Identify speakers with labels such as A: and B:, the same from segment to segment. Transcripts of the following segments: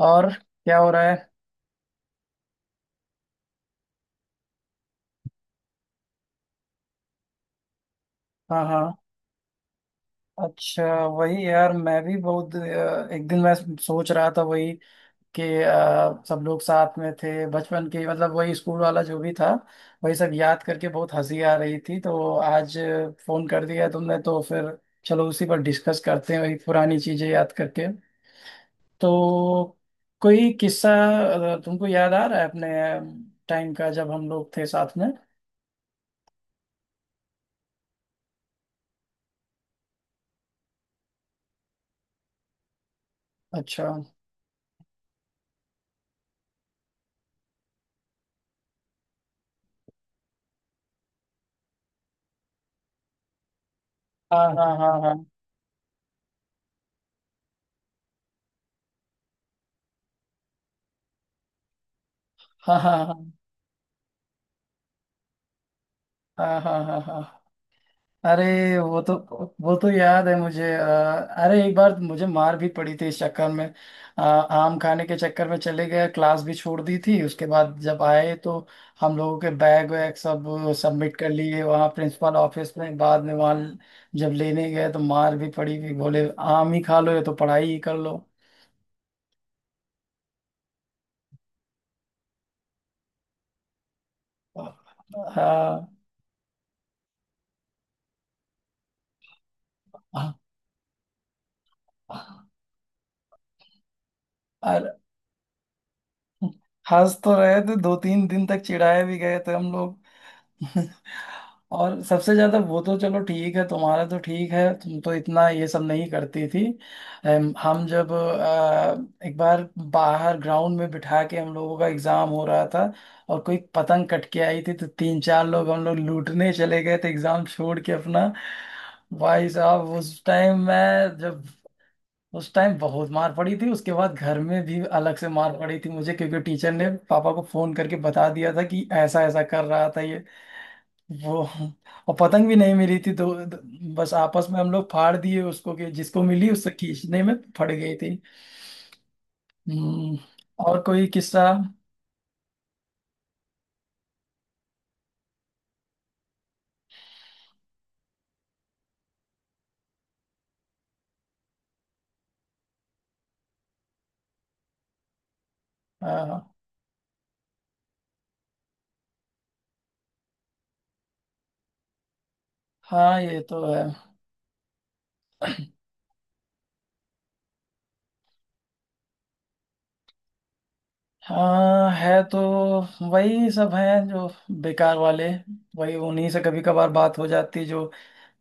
A: और क्या हो रहा है? हाँ हाँ। अच्छा वही यार मैं भी बहुत एक दिन मैं सोच रहा था वही कि सब लोग साथ में थे बचपन के, मतलब वही स्कूल वाला जो भी था। वही सब याद करके बहुत हंसी आ रही थी, तो आज फोन कर दिया तुमने तो फिर चलो उसी पर डिस्कस करते हैं वही पुरानी चीजें याद करके। तो कोई किस्सा तुमको याद आ रहा है अपने टाइम का जब हम लोग थे साथ में? अच्छा। हाँ हाँ हाँ हाँ। हाँ हाँ हाँ हाँ। हाँ हाँ हाँ। अरे वो तो याद है मुझे। अरे एक बार मुझे मार भी पड़ी थी इस चक्कर में। आम खाने के चक्कर में चले गए, क्लास भी छोड़ दी थी उसके बाद। जब आए तो हम लोगों के बैग वैग सब सबमिट कर लिए वहाँ प्रिंसिपल ऑफिस में। बाद में वहाँ जब लेने गए तो मार भी पड़ी भी, बोले आम ही खा लो या तो पढ़ाई ही कर लो। हाँ हाँ। और हंस तो रहे थे, दो तीन दिन तक चिढ़ाए भी गए थे हम लोग। और सबसे ज्यादा वो तो चलो ठीक है, तुम्हारा तो ठीक है, तुम तो इतना ये सब नहीं करती थी। हम जब एक बार बाहर ग्राउंड में बिठा के हम लोगों का एग्जाम हो रहा था, और कोई पतंग कट के आई थी तो तीन चार लोग हम लोग लूटने चले गए थे एग्जाम छोड़ के अपना। भाई साहब उस टाइम बहुत मार पड़ी थी, उसके बाद घर में भी अलग से मार पड़ी थी मुझे, क्योंकि टीचर ने पापा को फोन करके बता दिया था कि ऐसा ऐसा कर रहा था ये। वो, और पतंग भी नहीं मिली थी, तो बस आपस में हम लोग फाड़ दिए उसको कि जिसको मिली उससे खींचने में फट गई थी। हम्म। और कोई किस्सा? आ, हाँ ये तो है। हाँ है तो, वही सब हैं जो बेकार वाले, वही उन्हीं से कभी कभार बात हो जाती, जो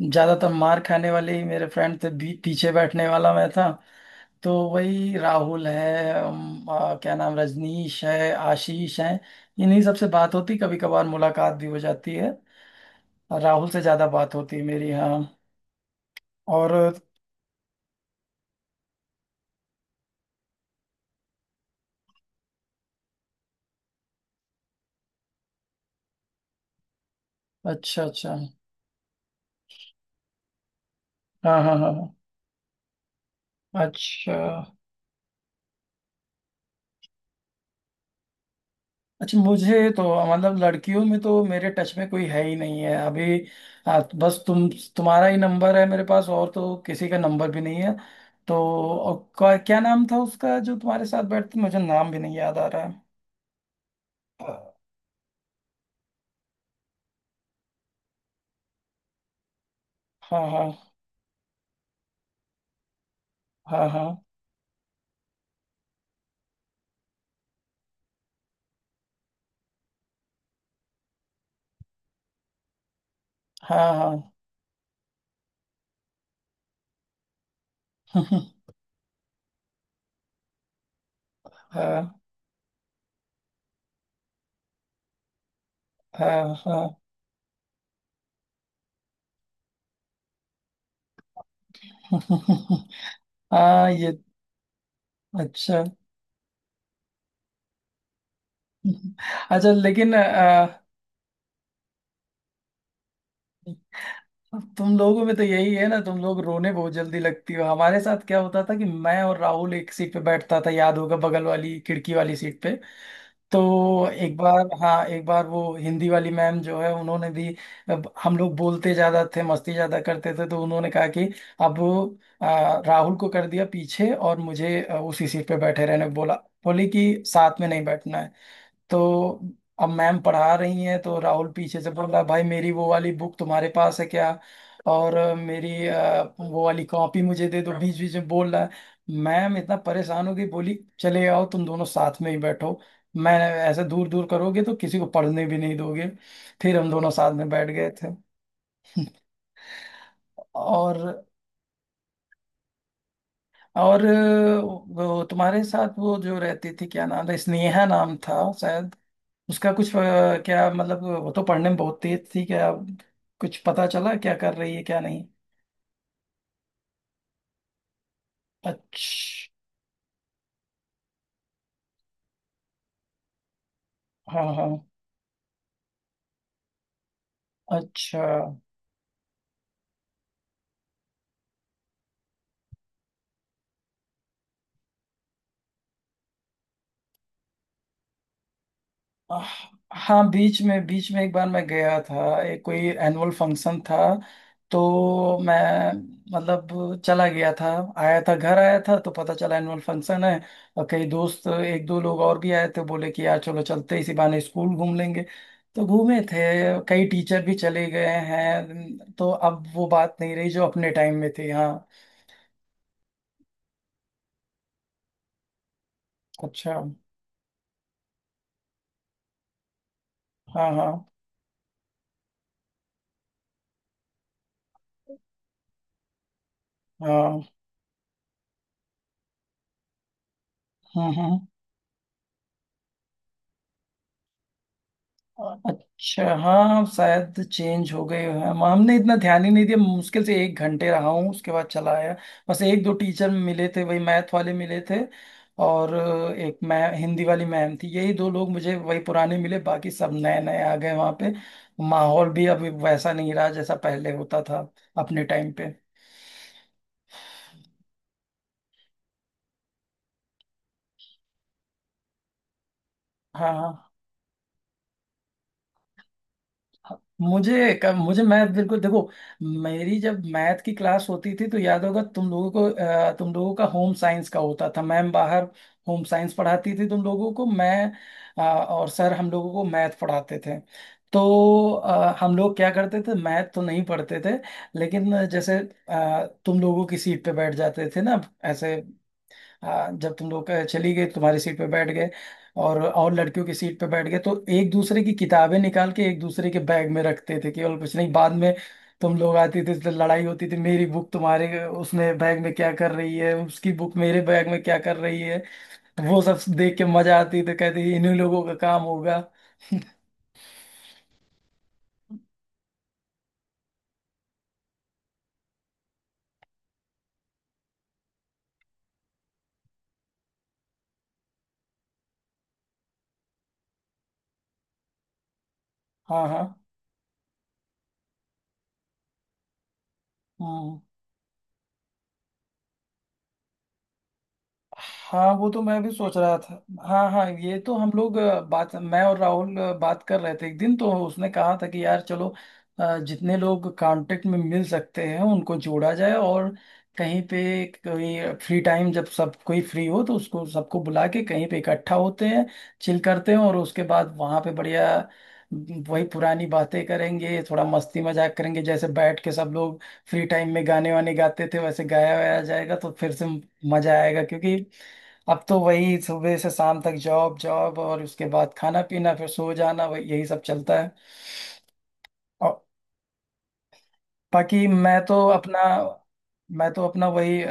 A: ज्यादातर मार खाने वाले ही मेरे फ्रेंड थे। पीछे बैठने वाला मैं था, तो वही राहुल है, क्या नाम, रजनीश है, आशीष है, इन्हीं सब से बात होती कभी कभार, मुलाकात भी हो जाती है। और राहुल से ज्यादा बात होती है मेरी। हाँ। और अच्छा अच्छा। हाँ हाँ हाँ हाँ। अच्छा। अच्छा मुझे तो, मतलब लड़कियों में तो मेरे टच में कोई है ही नहीं है अभी। बस तुम, तुम्हारा ही नंबर है मेरे पास, और तो किसी का नंबर भी नहीं है। तो, और क्या क्या नाम था उसका जो तुम्हारे साथ बैठती? मुझे नाम भी नहीं याद आ रहा है। हाँ हाँ हाँ हाँ। हाँ हाँ। हाँ हाँ हाँ। हाँ, ये अच्छा। अच्छा लेकिन अब तुम लोगों में तो यही है ना, तुम लोग रोने बहुत जल्दी लगती हो। हमारे साथ क्या होता था कि मैं और राहुल एक सीट पे बैठता था, याद होगा, बगल वाली खिड़की वाली सीट पे। तो एक बार, हाँ एक बार, वो हिंदी वाली मैम जो है उन्होंने भी, अब हम लोग बोलते ज्यादा थे मस्ती ज्यादा करते थे, तो उन्होंने कहा कि अब राहुल को कर दिया पीछे और मुझे उसी सीट पे बैठे रहने को बोला। बोली कि साथ में नहीं बैठना है। तो अब मैम पढ़ा रही हैं तो राहुल पीछे से बोल रहा, भाई मेरी वो वाली बुक तुम्हारे पास है क्या, और मेरी वो वाली कॉपी मुझे दे दो, बीच बीच में बोल रहा है। मैम इतना परेशान हो गई, बोली चले आओ तुम दोनों साथ में ही बैठो, मैं, ऐसे दूर दूर करोगे तो किसी को पढ़ने भी नहीं दोगे। फिर हम दोनों साथ में बैठ गए थे। और वो तुम्हारे साथ वो जो रहती थी, क्या नाम था? स्नेहा नाम था शायद। उसका कुछ, क्या मतलब, वो तो पढ़ने में बहुत तेज थी क्या? कुछ पता चला क्या कर रही है क्या नहीं? अच्छा। हाँ हाँ। अच्छा। आह, हाँ बीच में एक बार मैं गया था, एक कोई एनुअल फंक्शन था, तो मैं मतलब चला गया था। आया था, घर आया था, तो पता चला एनुअल फंक्शन है, और कई दोस्त एक दो लोग और भी आए थे, बोले कि यार चलो चलते इसी बहाने स्कूल घूम लेंगे। तो घूमे थे। कई टीचर भी चले गए हैं, तो अब वो बात नहीं रही जो अपने टाइम में थी। हाँ। अच्छा। हाँ हाँ हाँ। हम्म। अच्छा हाँ शायद चेंज हो गए हैं। हमने इतना ध्यान ही नहीं दिया, मुश्किल से एक घंटे रहा हूँ उसके बाद चला आया। बस एक दो टीचर मिले थे, वही मैथ वाले मिले थे, और एक मैं हिंदी वाली मैम थी, यही दो लोग मुझे वही पुराने मिले, बाकी सब नए नए आ गए वहाँ पे। माहौल भी अभी वैसा नहीं रहा जैसा पहले होता था अपने टाइम पे। हाँ हाँ। मुझे मुझे मैथ बिल्कुल देखो, मेरी जब मैथ की क्लास होती थी तो याद होगा तुम लोगों को, तुम लोगों का होम साइंस का होता था। मैम बाहर होम साइंस पढ़ाती थी तुम लोगों को, मैं, और सर हम लोगों को मैथ पढ़ाते थे। तो हम लोग क्या करते थे, मैथ तो नहीं पढ़ते थे, लेकिन जैसे तुम लोगों की सीट पे बैठ जाते थे ना ऐसे। हाँ जब तुम लोग चली गई तुम्हारी सीट पे बैठ गए, और लड़कियों की सीट पे बैठ गए, तो एक दूसरे की किताबें निकाल के एक दूसरे के बैग में रखते थे केवल, कुछ नहीं। बाद में तुम लोग आते थे तो लड़ाई होती थी, मेरी बुक तुम्हारे उसमें बैग में क्या कर रही है, उसकी बुक मेरे बैग में क्या कर रही है। वो सब देख के मजा आती थी, कहते थे, इन्हीं लोगों का काम होगा। हाँ हाँ। हम्म। हाँ वो तो मैं भी सोच रहा था, हाँ हाँ ये तो, हम लोग बात, मैं और राहुल बात कर रहे थे एक दिन, तो उसने कहा था कि यार चलो जितने लोग कांटेक्ट में मिल सकते हैं उनको जोड़ा जाए, और कहीं पे कोई फ्री टाइम, जब सब कोई फ्री हो तो उसको सबको बुला के कहीं पे इकट्ठा होते हैं, चिल करते हैं, और उसके बाद वहाँ पे बढ़िया वही पुरानी बातें करेंगे, थोड़ा मस्ती मजाक करेंगे। जैसे बैठ के सब लोग फ्री टाइम में गाने वाने गाते थे, वैसे गाया वाया जाएगा तो फिर से मजा आएगा, क्योंकि अब तो वही सुबह से शाम तक जॉब जॉब और उसके बाद खाना पीना फिर सो जाना, वही यही सब चलता है। और बाकी, मैं तो अपना वही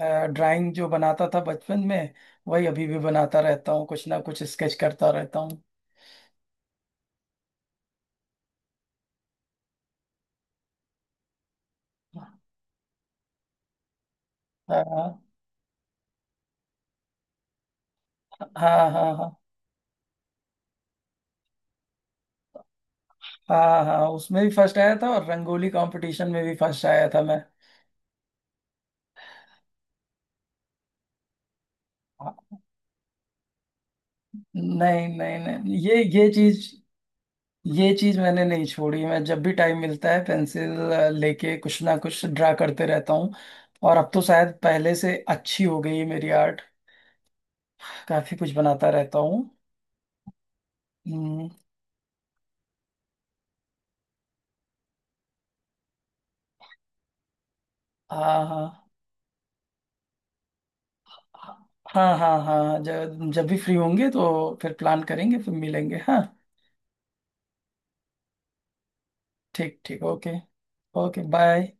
A: ड्राइंग जो बनाता था बचपन में वही अभी भी बनाता रहता हूँ, कुछ ना कुछ स्केच करता रहता हूँ। हाँ हाँ हाँ हाँ। हाँ हाँ उसमें भी फर्स्ट आया था, और रंगोली कंपटीशन में भी फर्स्ट आया था मैं। नहीं नहीं नहीं, ये चीज मैंने नहीं छोड़ी, मैं जब भी टाइम मिलता है पेंसिल लेके कुछ ना कुछ ड्रा करते रहता हूँ, और अब तो शायद पहले से अच्छी हो गई है मेरी आर्ट। काफी कुछ बनाता रहता हूँ। हम्म। हाँ हाँ हाँ हाँ। हाँ जब जब भी फ्री होंगे तो फिर प्लान करेंगे, फिर मिलेंगे। हाँ ठीक ठीक ओके। Okay bye.